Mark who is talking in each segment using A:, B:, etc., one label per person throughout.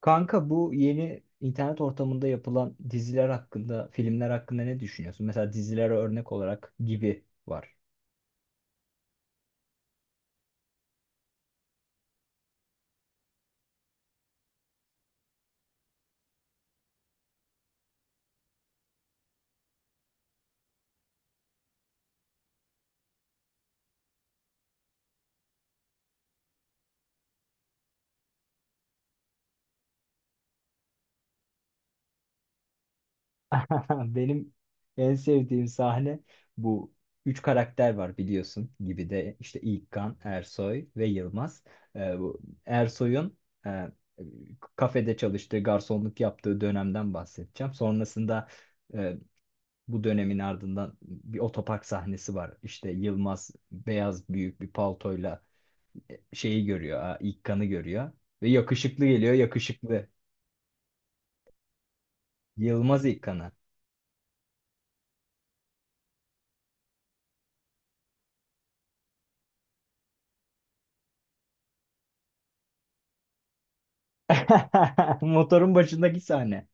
A: Kanka bu yeni internet ortamında yapılan diziler hakkında, filmler hakkında ne düşünüyorsun? Mesela dizilere örnek olarak gibi var. Benim en sevdiğim sahne bu. Üç karakter var biliyorsun gibi de işte İlkan, Ersoy ve Yılmaz. Bu Ersoy'un e, kafede çalıştığı, garsonluk yaptığı dönemden bahsedeceğim. Sonrasında e, bu dönemin ardından bir otopark sahnesi var. İşte Yılmaz beyaz büyük bir paltoyla şeyi görüyor. Ha, İlk kanı görüyor. Ve yakışıklı geliyor yakışıklı. Yılmaz ilk kanı. Motorun başındaki sahne.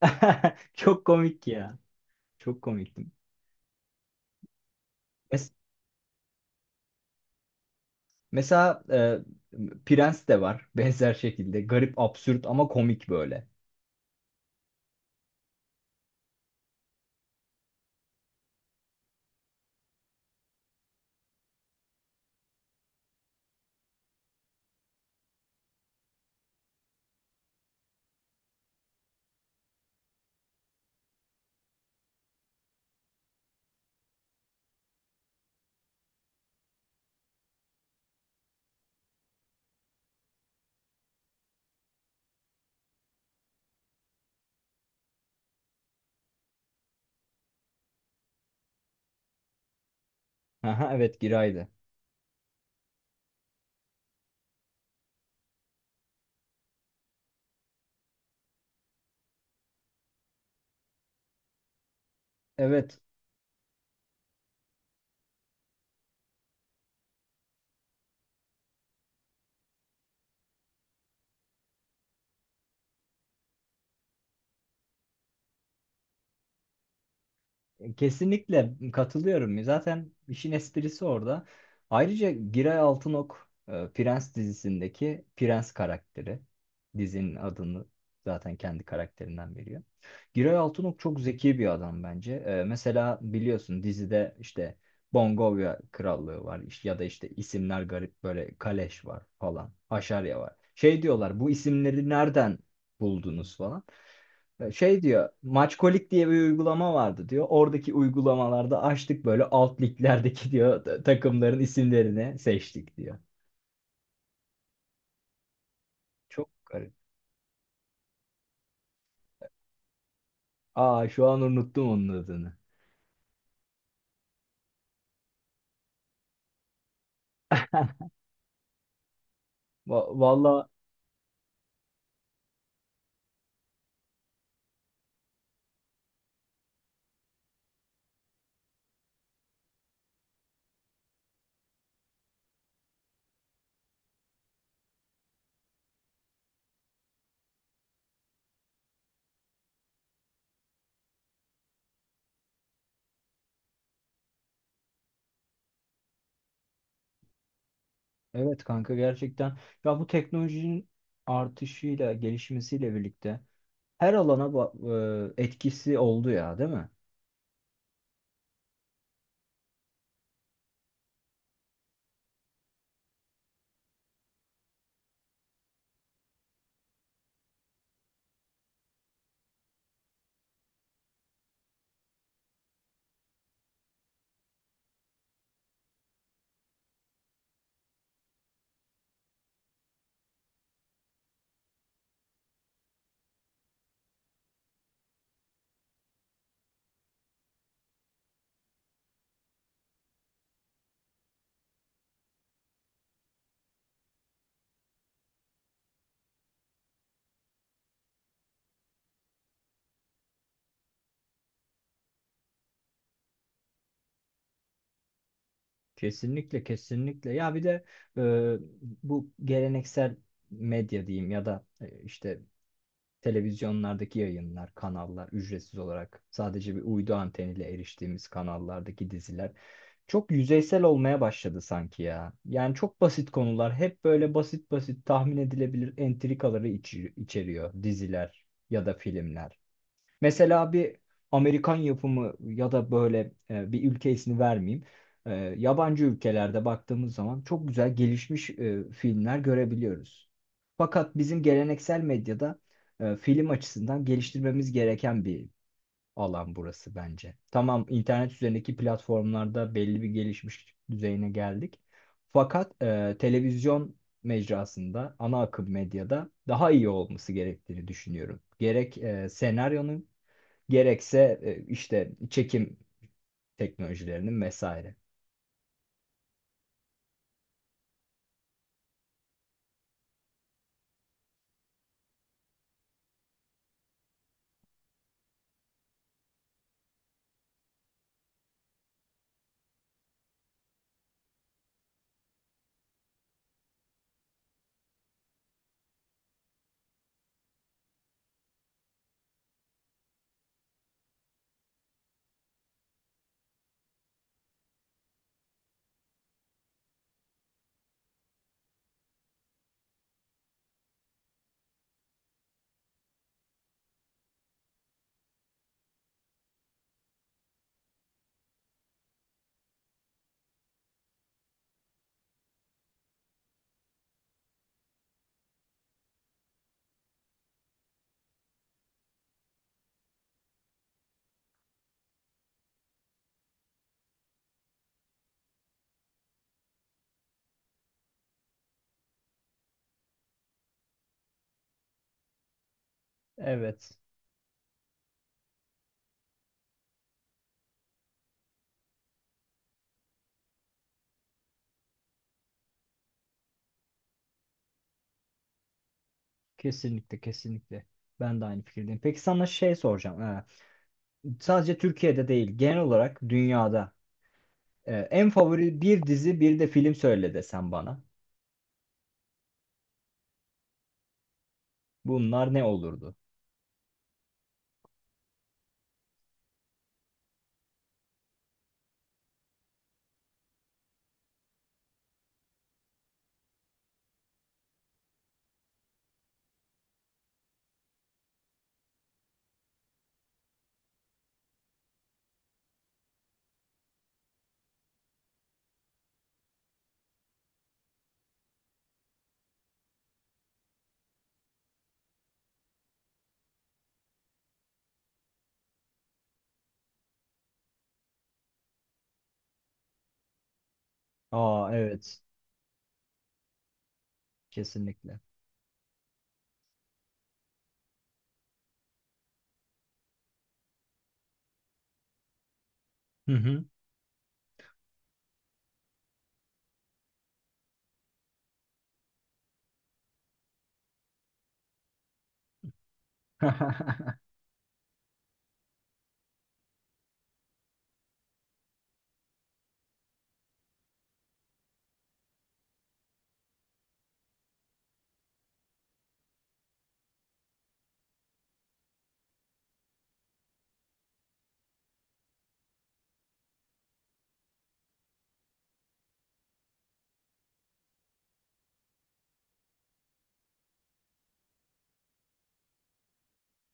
A: Çok komik ya. Çok komiktim. Mes- mesela Prens de var benzer şekilde. Garip, absürt ama komik böyle. Aha, evet Giray'dı. Evet. Kesinlikle katılıyorum. Zaten işin esprisi orada. Ayrıca Giray Altınok Prens dizisindeki Prens karakteri. Dizinin adını zaten kendi karakterinden veriyor. Giray Altınok çok zeki bir adam bence. E, mesela biliyorsun dizide işte Bongovya Krallığı var. Ya da işte isimler garip böyle, Kaleş var falan, Haşarya var. Şey diyorlar, bu isimleri nereden buldunuz falan. E, şey diyor, Maçkolik diye bir uygulama vardı diyor. Oradaki uygulamalarda açtık böyle alt liglerdeki diyor, takımların isimlerini seçtik diyor. Çok garip. Aa, şu an unuttum onun adını. Valla evet kanka, gerçekten. Ya bu teknolojinin artışıyla, gelişmesiyle birlikte her alana etkisi oldu ya, değil mi? Kesinlikle, kesinlikle. Ya bir de e, bu geleneksel medya diyeyim ya da işte televizyonlardaki yayınlar, kanallar, ücretsiz olarak sadece bir uydu anteniyle eriştiğimiz kanallardaki diziler çok yüzeysel olmaya başladı sanki ya. Yani çok basit konular, hep böyle basit basit tahmin edilebilir entrikaları içeriyor diziler ya da filmler. Mesela bir Amerikan yapımı ya da böyle, bir ülke ismi vermeyeyim. E, yabancı ülkelerde baktığımız zaman çok güzel gelişmiş filmler görebiliyoruz. Fakat bizim geleneksel medyada film açısından geliştirmemiz gereken bir alan burası bence. Tamam, internet üzerindeki platformlarda belli bir gelişmiş düzeyine geldik. Fakat televizyon mecrasında, ana akım medyada daha iyi olması gerektiğini düşünüyorum. Gerek senaryonun, gerekse işte çekim teknolojilerinin vesaire. Evet, kesinlikle, kesinlikle. Ben de aynı fikirdeyim. Peki sana şey soracağım. Ha, sadece Türkiye'de değil, genel olarak dünyada en favori bir dizi, bir de film söyle desem bana. Bunlar ne olurdu? Aa evet, kesinlikle. Hı hı.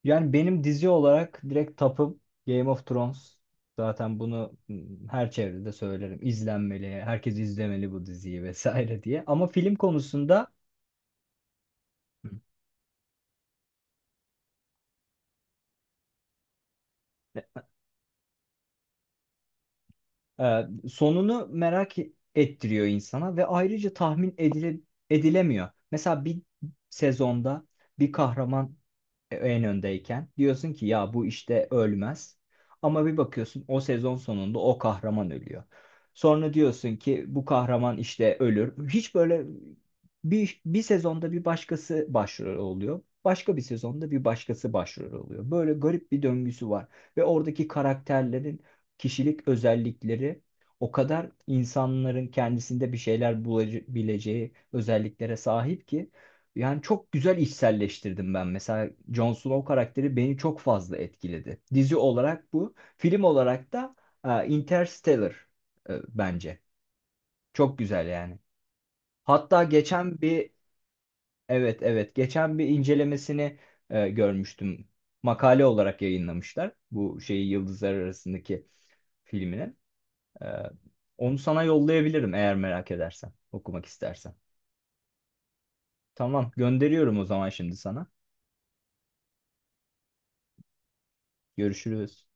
A: Yani benim dizi olarak direkt tapım Game of Thrones. Zaten bunu her çevrede söylerim. İzlenmeli, herkes izlemeli bu diziyi vesaire diye. Ama film konusunda e, sonunu merak ettiriyor insana ve ayrıca edilemiyor. Mesela bir sezonda bir kahraman en öndeyken diyorsun ki ya bu işte ölmez. Ama bir bakıyorsun, o sezon sonunda o kahraman ölüyor. Sonra diyorsun ki bu kahraman işte ölür. Hiç böyle bir sezonda bir başkası başrol oluyor. Başka bir sezonda bir başkası başrol oluyor. Böyle garip bir döngüsü var. Ve oradaki karakterlerin kişilik özellikleri o kadar insanların kendisinde bir şeyler bulabileceği özelliklere sahip ki, yani çok güzel içselleştirdim ben. Mesela Jon Snow karakteri beni çok fazla etkiledi. Dizi olarak bu. Film olarak da Interstellar bence. Çok güzel yani. Hatta geçen bir evet, evet, geçen bir incelemesini görmüştüm. Makale olarak yayınlamışlar. Bu şeyi, Yıldızlar Arasındaki filminin. E, onu sana yollayabilirim eğer merak edersen. Okumak istersen. Tamam, gönderiyorum o zaman şimdi sana. Görüşürüz.